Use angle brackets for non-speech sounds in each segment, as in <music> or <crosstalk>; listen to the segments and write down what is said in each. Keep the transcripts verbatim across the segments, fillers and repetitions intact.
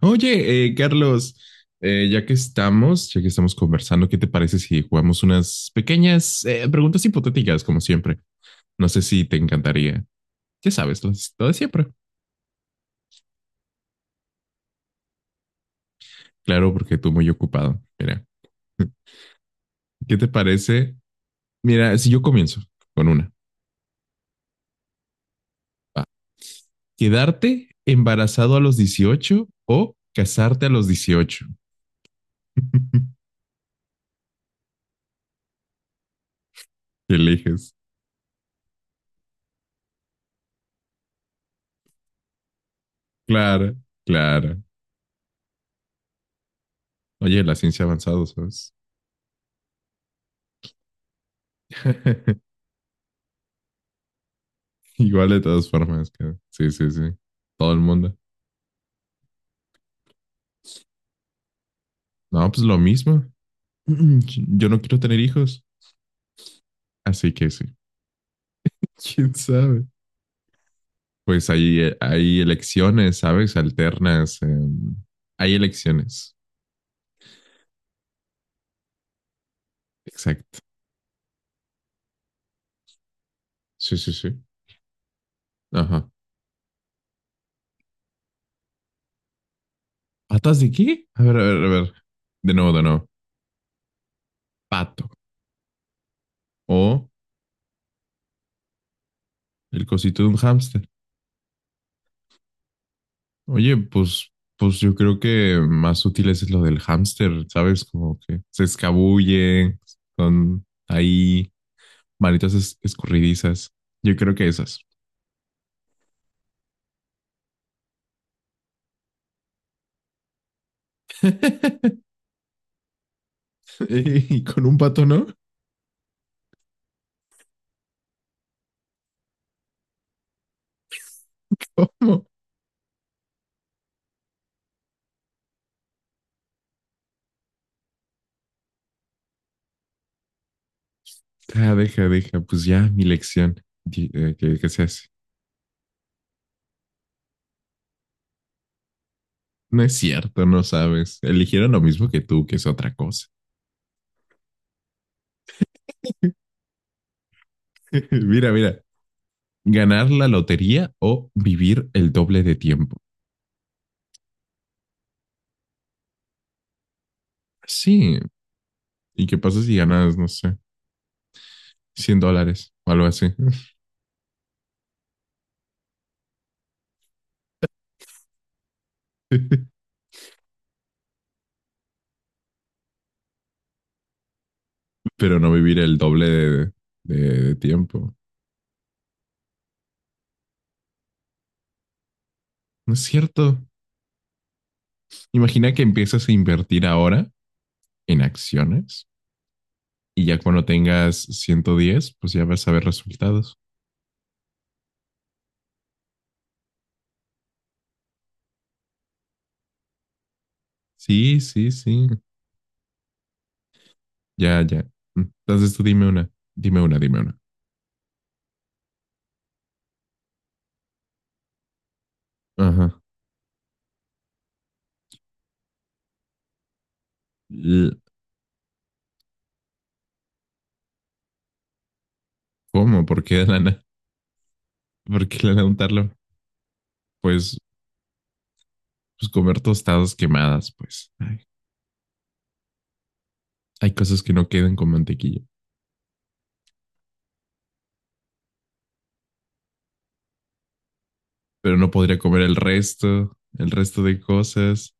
Oye, eh, Carlos, eh, ya que estamos, ya que estamos conversando, ¿qué te parece si jugamos unas pequeñas eh, preguntas hipotéticas, como siempre? No sé si te encantaría. Ya sabes, lo, lo de siempre. Claro, porque tú muy ocupado. Mira, <laughs> ¿qué te parece? Mira, si yo comienzo con una. Va. ¿Quedarte embarazado a los dieciocho o casarte a los dieciocho? <laughs> ¿Qué eliges? Claro, claro. Oye, la ciencia ha avanzado, ¿sabes? <laughs> Igual de todas formas, que- sí, sí, sí. Todo el mundo. No, pues lo mismo. <clears throat> Yo no quiero tener hijos, así que sí. <laughs> ¿Quién sabe? Pues hay, hay elecciones, ¿sabes? Alternas. em, hay elecciones. Exacto. Sí, sí, sí. Ajá. ¿Patas de qué? A ver, a ver, a ver. De nuevo, de nuevo. Pato. O el cosito de un hámster. Oye, pues, pues yo creo que más útil es lo del hámster, ¿sabes? Como que se escabulle, son ahí manitas es- escurridizas. Yo creo que esas. <laughs> Y con un pato, ¿no? ¿Cómo? Ah, deja, deja, pues ya mi lección. Di- eh, ¿Qué, qué se hace? No es cierto, no sabes. Eligieron lo mismo que tú, que es otra cosa. <laughs> Mira, mira, ganar la lotería o vivir el doble de tiempo. Sí. ¿Y qué pasa si ganas, no sé? Cien dólares o algo así. <laughs> Pero no vivir el doble de, de- de tiempo. No es cierto. Imagina que empiezas a invertir ahora en acciones y ya cuando tengas ciento diez pues ya vas a ver resultados. Sí, sí, sí. Ya, ya. Entonces tú dime una, dime una, dime una. Ajá. ¿Cómo? ¿Por qué lana? ¿Por qué lana untarlo? Pues, pues comer tostadas quemadas, pues. Ay, hay cosas que no quedan con mantequilla. Pero no podría comer el resto, el resto de cosas.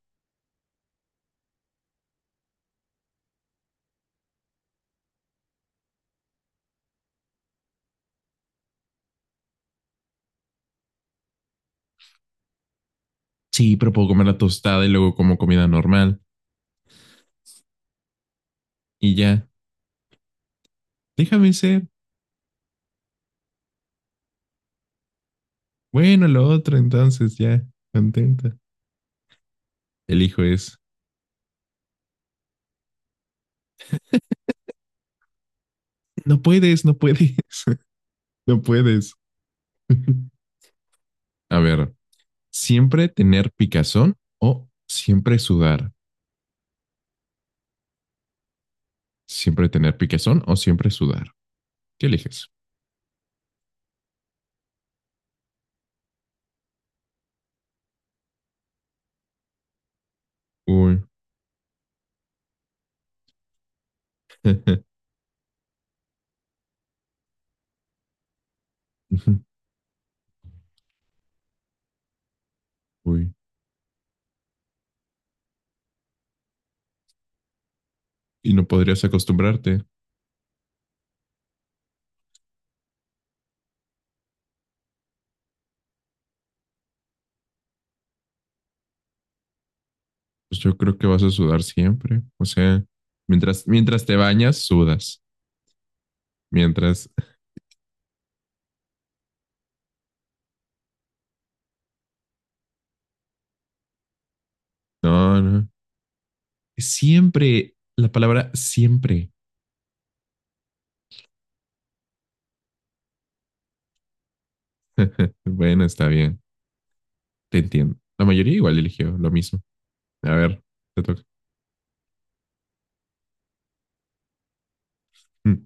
Sí, pero puedo comer la tostada y luego como comida normal. Y ya, déjame ser. Bueno, lo otro entonces, ya, contenta. El hijo es, no puedes, no puedes, <laughs> no puedes. <laughs> A ver, siempre tener picazón o siempre sudar. Siempre tener picazón o siempre sudar. ¿Qué eliges? Uy. <laughs> Uy. Y no podrías acostumbrarte. Pues yo creo que vas a sudar siempre. O sea, mientras, mientras te bañas, sudas. Mientras. <laughs> No, no. Siempre. La palabra siempre. <laughs> Bueno, está bien. Te entiendo. La mayoría igual eligió lo mismo. A ver, te toca. Mm.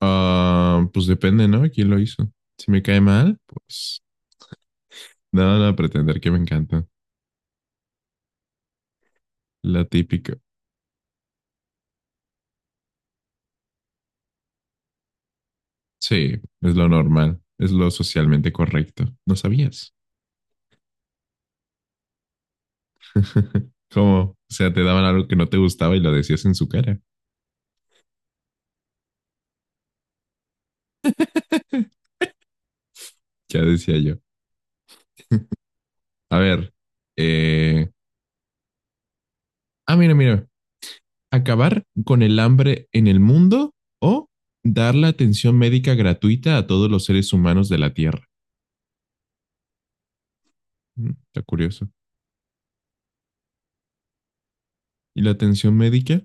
Ah, pues depende, ¿no? ¿Quién lo hizo? Si me cae mal, pues. No, no, pretender que me encanta. La típica. Sí, es lo normal. Es lo socialmente correcto. ¿No sabías? <laughs> ¿Cómo? O sea, te daban algo que no te gustaba y lo decías en su cara. <laughs> Ya decía yo. A ver. eh, Ah, mira, mira. Acabar con el hambre en el mundo o dar la atención médica gratuita a todos los seres humanos de la Tierra. Mm, está curioso. ¿Y la atención médica?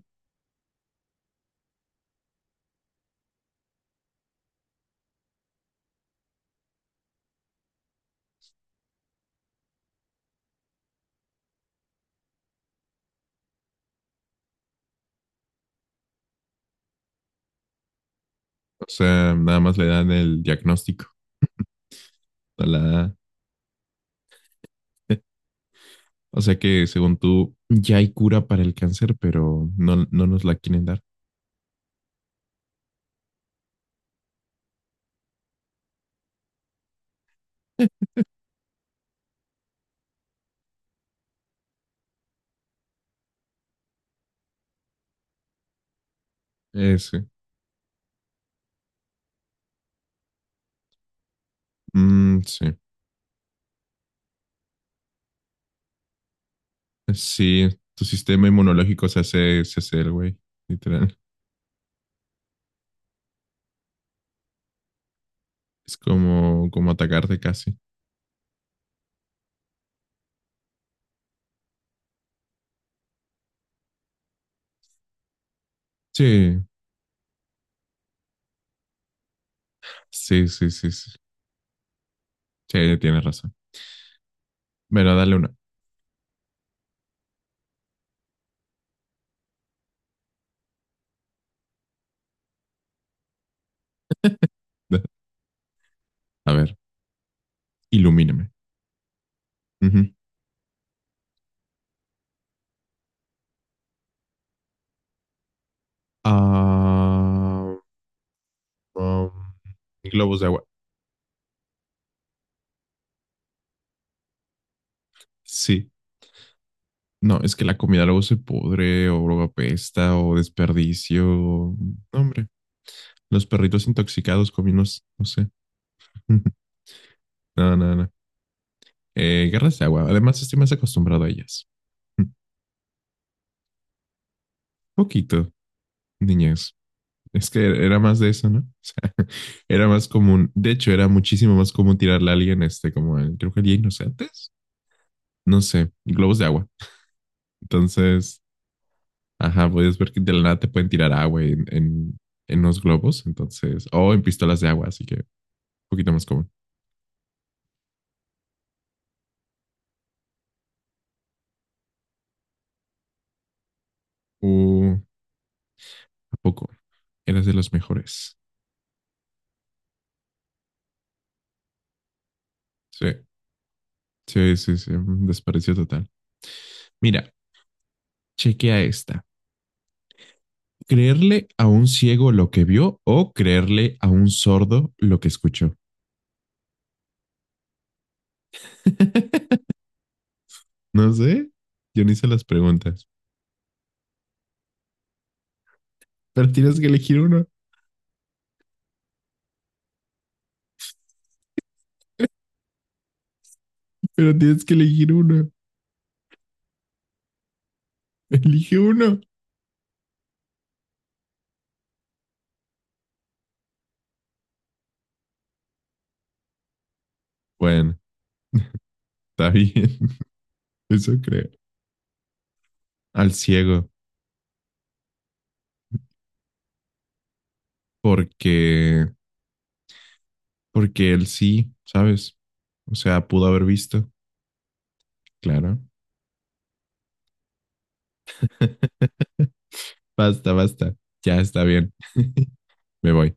O sea, nada más le dan el diagnóstico. a la- <laughs> O sea que según tú, ya hay cura para el cáncer, pero no, no nos la quieren dar. Ese. Mm, sí. Sí, tu sistema inmunológico se hace, se hace el güey, literal. Es como, como atacarte casi. Sí, sí, sí, sí, sí. Sí, tienes razón. Bueno, dale una. <laughs> A ver, ilumíname. Ujú. Ah, um, globos de agua. Sí. No, es que la comida luego se pudre o luego apesta o desperdicio. o- no, hombre, los perritos intoxicados cominos, no sé. <laughs> No, no, no. Eh, guerras de agua. Además, estoy más acostumbrado a ellas. Poquito, niñez. Es que er, era más de eso, ¿no? O sea, <laughs> era más común. De hecho, era muchísimo más común tirarle a alguien, este, como el, creo que el Día Inocentes. No sé, globos de agua. Entonces, ajá, puedes ver que de la nada te pueden tirar agua en, en, en los globos. Entonces, o en pistolas de agua, así que un poquito más común. Uh, ¿a poco? Eras de los mejores. Sí, sí, sí, sí. un Desprecio total. Mira, chequea esta. Creerle a un ciego lo que vio o creerle a un sordo lo que escuchó. <laughs> No sé, yo no hice las preguntas, pero tienes que elegir uno, pero tienes que elegir uno, elige uno. Bueno, está bien, <laughs> eso creo. Al ciego, porque, porque él sí, ¿sabes? O sea, pudo haber visto, claro. <laughs> Basta, basta, ya está bien, me voy.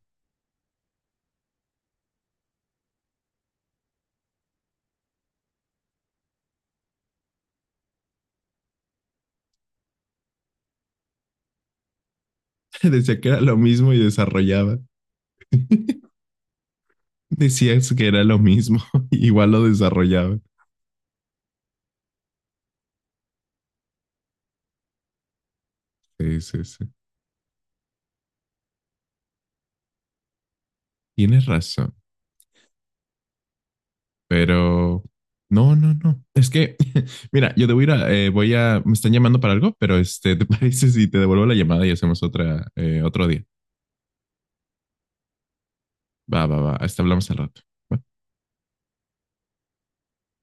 <laughs> Decía que era lo mismo y desarrollaba. <laughs> Decías que era lo mismo, <laughs> igual lo desarrollaban. Sí, sí, sí. Tienes razón, pero no, no, no. Es que, <laughs> mira, yo debo ir a, eh, voy a, me están llamando para algo, pero este, <laughs> ¿te parece si te devuelvo la llamada y hacemos otra, eh, otro día? Va, va, va. Hasta hablamos al rato. ¿va?